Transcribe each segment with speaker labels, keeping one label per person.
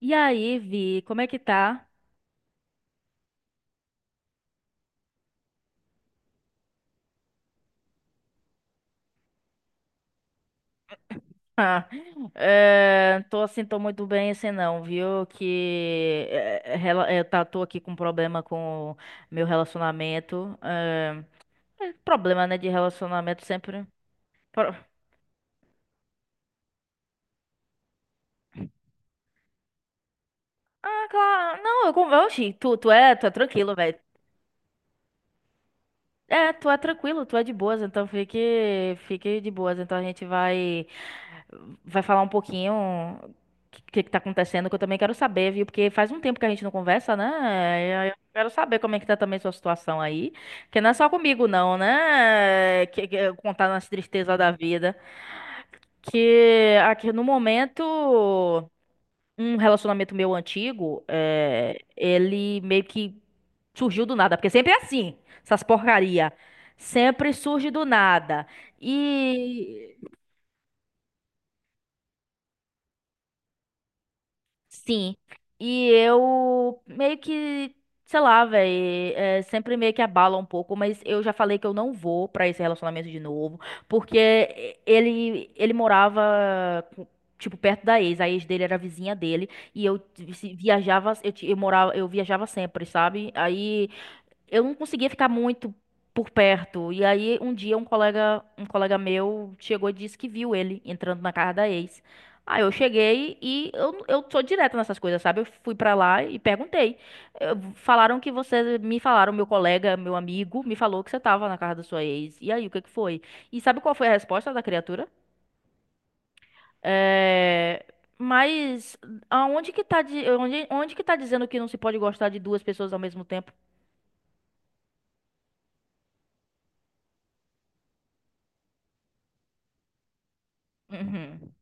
Speaker 1: E aí, Vi, como é que tá? Ah, Tô assim, tô muito bem assim não, viu? Que eh, rela- eh, tá, Tô aqui com problema com meu relacionamento. É problema, né, de relacionamento sempre. Pro- Ah, claro. Não, eu, con- tu, tu é tranquilo, velho. É, tu é tranquilo, tu é de boas, então fique de boas. Então vai falar um pouquinho que tá acontecendo, que eu também quero saber, viu? Porque faz um tempo que a gente não conversa, né? E aí eu quero saber como é que tá também sua situação aí. Que não é só comigo, não, né? Contar nas tristezas da vida. Que aqui no momento um relacionamento meu antigo, é, ele meio que surgiu do nada, porque sempre é assim, essas porcaria. Sempre surge do nada. E Sim. E eu meio que, sei lá, velho, sempre meio que abala um pouco, mas eu já falei que eu não vou pra esse relacionamento de novo, porque ele morava com- tipo perto da ex, a ex dele era a vizinha dele e eu vi- se- viajava, eu morava, eu viajava sempre, sabe? Aí eu não conseguia ficar muito por perto. E aí um dia um colega meu chegou e disse que viu ele entrando na casa da ex. Aí eu cheguei e eu sou direta nessas coisas, sabe? Eu fui pra lá e perguntei. Me falaram, meu colega, meu amigo, me falou que você tava na casa da sua ex. E aí, o que que foi? E sabe qual foi a resposta da criatura? É, mas aonde que tá, di- onde, onde que tá dizendo que não se pode gostar de duas pessoas ao mesmo tempo? Uhum.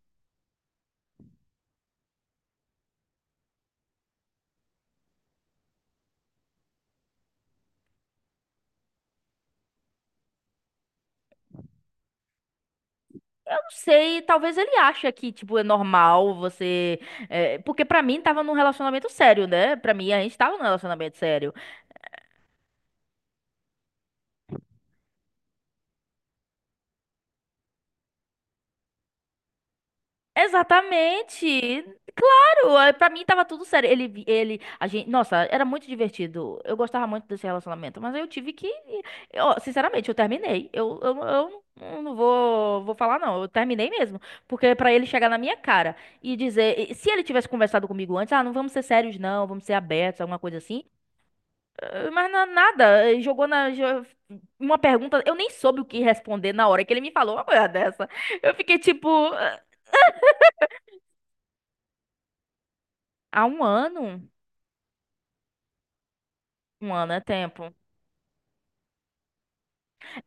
Speaker 1: Não sei, talvez ele ache que, tipo, é normal você. É, porque pra mim tava num relacionamento sério, né? Pra mim a gente tava num relacionamento sério. Exatamente! Claro! Pra mim tava tudo sério. A gente, nossa, era muito divertido. Eu gostava muito desse relacionamento, mas eu tive que. Ó, sinceramente, eu terminei. Eu vou falar, não. Eu terminei mesmo. Porque é pra ele chegar na minha cara e dizer. Se ele tivesse conversado comigo antes, ah, não vamos ser sérios, não, vamos ser abertos, alguma coisa assim. Mas nada, jogou uma pergunta, eu nem soube o que responder na hora que ele me falou uma coisa dessa. Eu fiquei tipo, eh, há um ano? Um ano é tempo.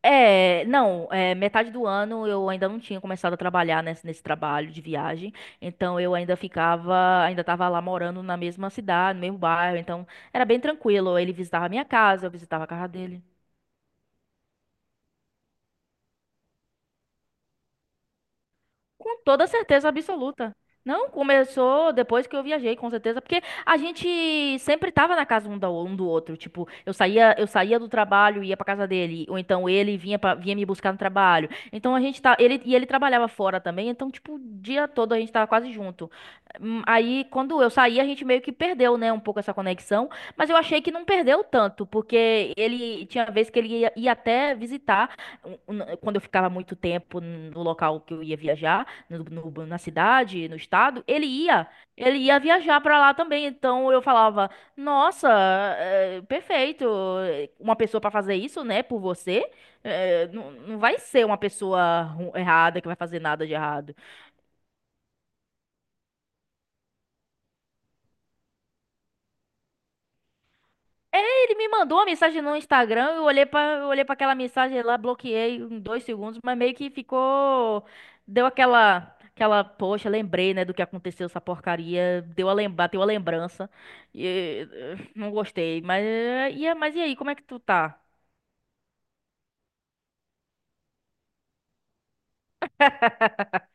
Speaker 1: É, não, É, metade do ano eu ainda não tinha começado a trabalhar nesse trabalho de viagem, então ainda tava lá morando na mesma cidade, no mesmo bairro, então era bem tranquilo. Ele visitava a minha casa, eu visitava a casa dele. Com toda certeza absoluta. Não, começou depois que eu viajei, com certeza, porque a gente sempre tava na casa um do outro, tipo, eu saía do trabalho e ia pra casa dele, ou então vinha me buscar no trabalho. Então a gente tá, ele e Ele trabalhava fora também, então tipo, o dia todo a gente tava quase junto. Hum. Aí quando eu saí, a gente meio que perdeu, né, um pouco essa conexão, mas eu achei que não perdeu tanto, porque ele tinha vez que ia até visitar quando eu ficava muito tempo no local que eu ia viajar na cidade, no estado, ele ia viajar pra lá também. Então eu falava, nossa, é, perfeito, uma pessoa pra fazer isso, né, por você, não vai ser uma pessoa errada que vai fazer nada de errado. Ele me mandou uma mensagem no Instagram, eu olhei para aquela mensagem lá, bloqueei em dois segundos, mas meio que ficou, deu aquela, poxa, lembrei, né, do que aconteceu essa porcaria, deu a lembrança, não gostei, mas, mas e aí, como é que tu tá?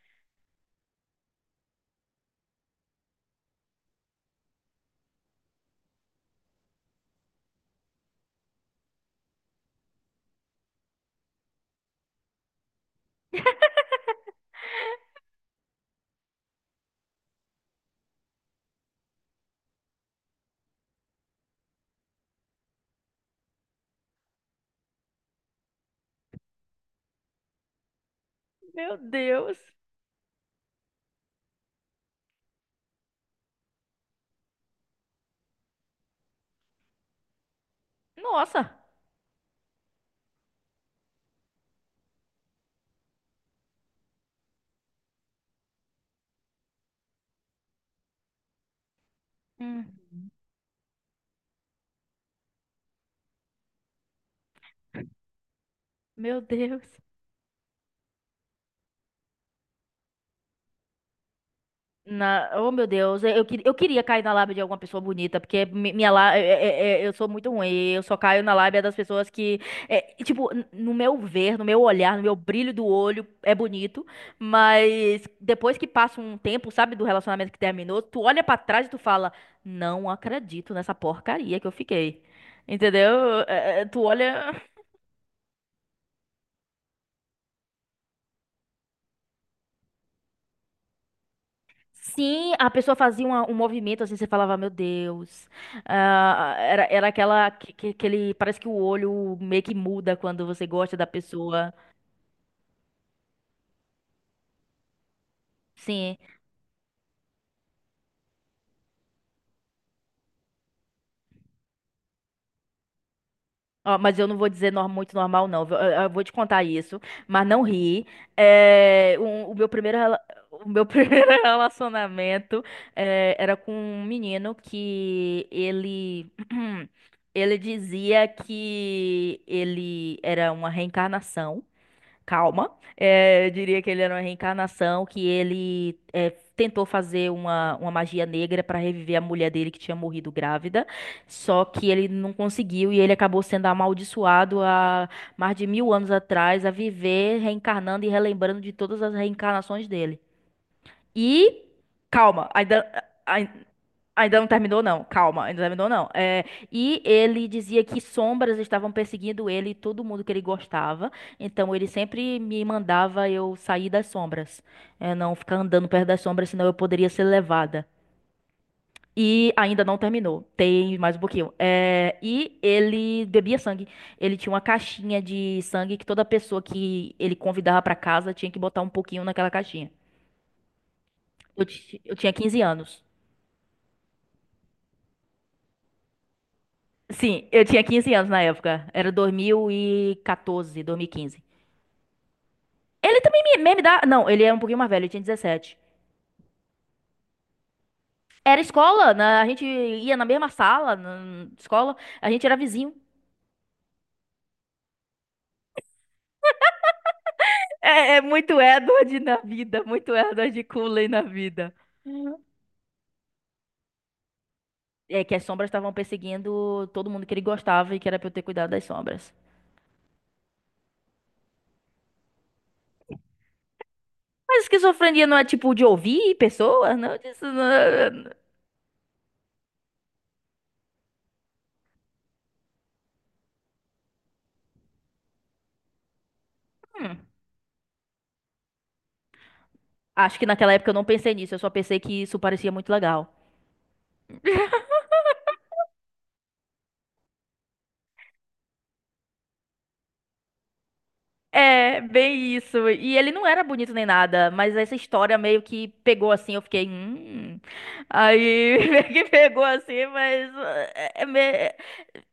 Speaker 1: Meu Deus, nossa. Hum. Meu Deus. Na... Oh, meu Deus, eu queria cair na lábia de alguma pessoa bonita, porque minha lá... eu sou muito ruim, eu só caio na lábia das pessoas que, é, tipo, no meu ver, no meu olhar, no meu brilho do olho, é bonito, mas depois que passa um tempo, sabe, do relacionamento que terminou, tu olha pra trás e tu fala, não acredito nessa porcaria que eu fiquei, entendeu? É, é, tu olha... Sim, a pessoa fazia um movimento assim, você falava, meu Deus. Ah, era aquela que parece que o olho meio que muda quando você gosta da pessoa. Sim. Ó, mas eu não vou dizer muito normal, não. Eu vou te contar isso, mas não ri. É, o meu primeiro, o meu primeiro relacionamento é, era com um menino que ele. Ele dizia que ele era uma reencarnação. Calma. É, eu diria que ele era uma reencarnação, que ele é, tentou fazer uma magia negra para reviver a mulher dele que tinha morrido grávida, só que ele não conseguiu e ele acabou sendo amaldiçoado há mais de 1000 anos atrás a viver reencarnando e relembrando de todas as reencarnações dele. E Calma, ainda. Ainda não terminou, não. Calma, ainda não terminou, não. É, e ele dizia que sombras estavam perseguindo ele e todo mundo que ele gostava. Então ele sempre me mandava eu sair das sombras. É, não ficar andando perto das sombras, senão eu poderia ser levada. E ainda não terminou. Tem mais um pouquinho. É, e ele bebia sangue. Ele tinha uma caixinha de sangue que toda pessoa que ele convidava pra casa tinha que botar um pouquinho naquela caixinha. Eu tinha 15 anos. Sim, eu tinha 15 anos na época. Era 2014, quinze. Ele também me dá. Não, ele é um pouquinho mais velho, ele tinha 17. Era escola, né? A gente ia na mesma sala, na escola, a gente era vizinho. É, é muito Edward na vida, muito Edward Cullen na vida. É que as sombras estavam perseguindo todo mundo que ele gostava e que era pra eu ter cuidado das sombras. Mas esquizofrenia não é tipo de ouvir pessoas, não? Disso não- Hum. Acho que naquela época eu não pensei nisso, eu só pensei que isso parecia muito legal. É, bem isso. E ele não era bonito nem nada, mas essa história meio que pegou assim, eu fiquei. Aí meio que pegou assim, mas eh, é, me- é-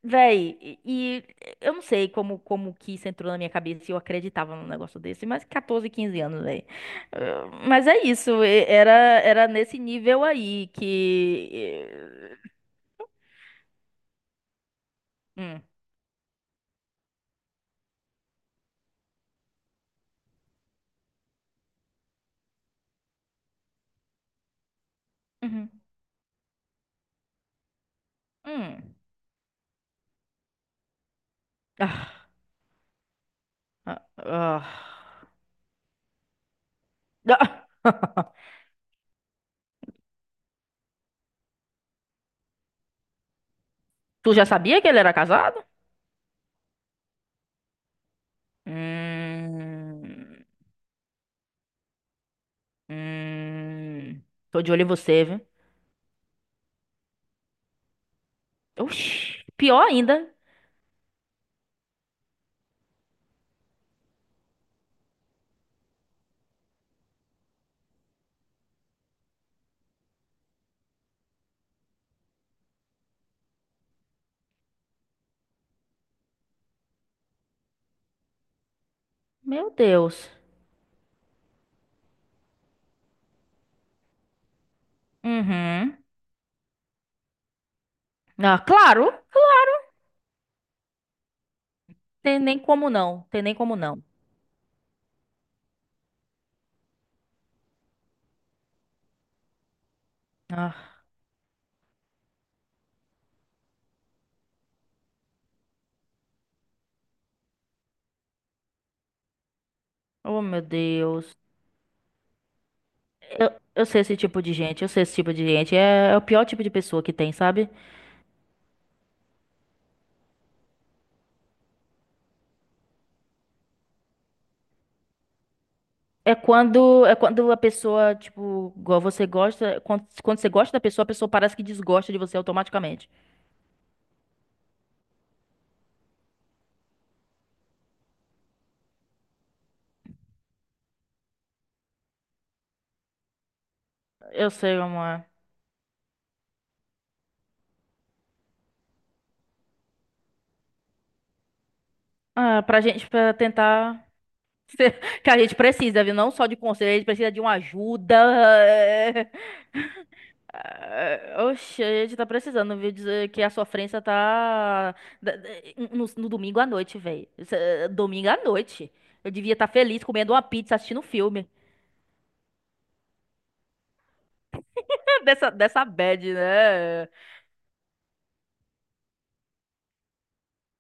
Speaker 1: véi, eu não sei como que isso entrou na minha cabeça e eu acreditava num negócio desse, mas 14 15 anos, véi. Mas é isso, era nesse nível aí que hum. Uhum. Hum. Ah, ah, ah. Ah. Tu já sabia que ele era casado? Hum, hum, tô de olho em você, viu? Oxi, pior ainda. Meu Deus. Uhum. Ah, claro. Tem nem como não. Tem nem como não. Ah, oh, meu Deus. Eu sei esse tipo de gente. Eu sei esse tipo de gente. É, é o pior tipo de pessoa que tem, sabe? É quando a pessoa, tipo, igual você gosta. Quando você gosta da pessoa, a pessoa parece que desgosta de você automaticamente. Eu sei, amor. Ah, pra gente, pra tentar. Que a gente precisa, viu? Não só de conselho, a gente precisa de uma ajuda. É. Ah, Oxe, a gente tá precisando, viu? Dizer que a sofrência tá. da- da- No, no domingo à noite, velho. Domingo à noite. Eu devia estar feliz comendo uma pizza, assistindo um filme. Dessa, dessa bad, né?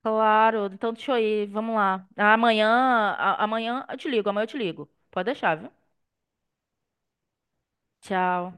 Speaker 1: Claro, então deixa eu ir, vamos lá. Amanhã, amanhã eu te ligo, amanhã eu te ligo. Pode deixar, viu? Tchau.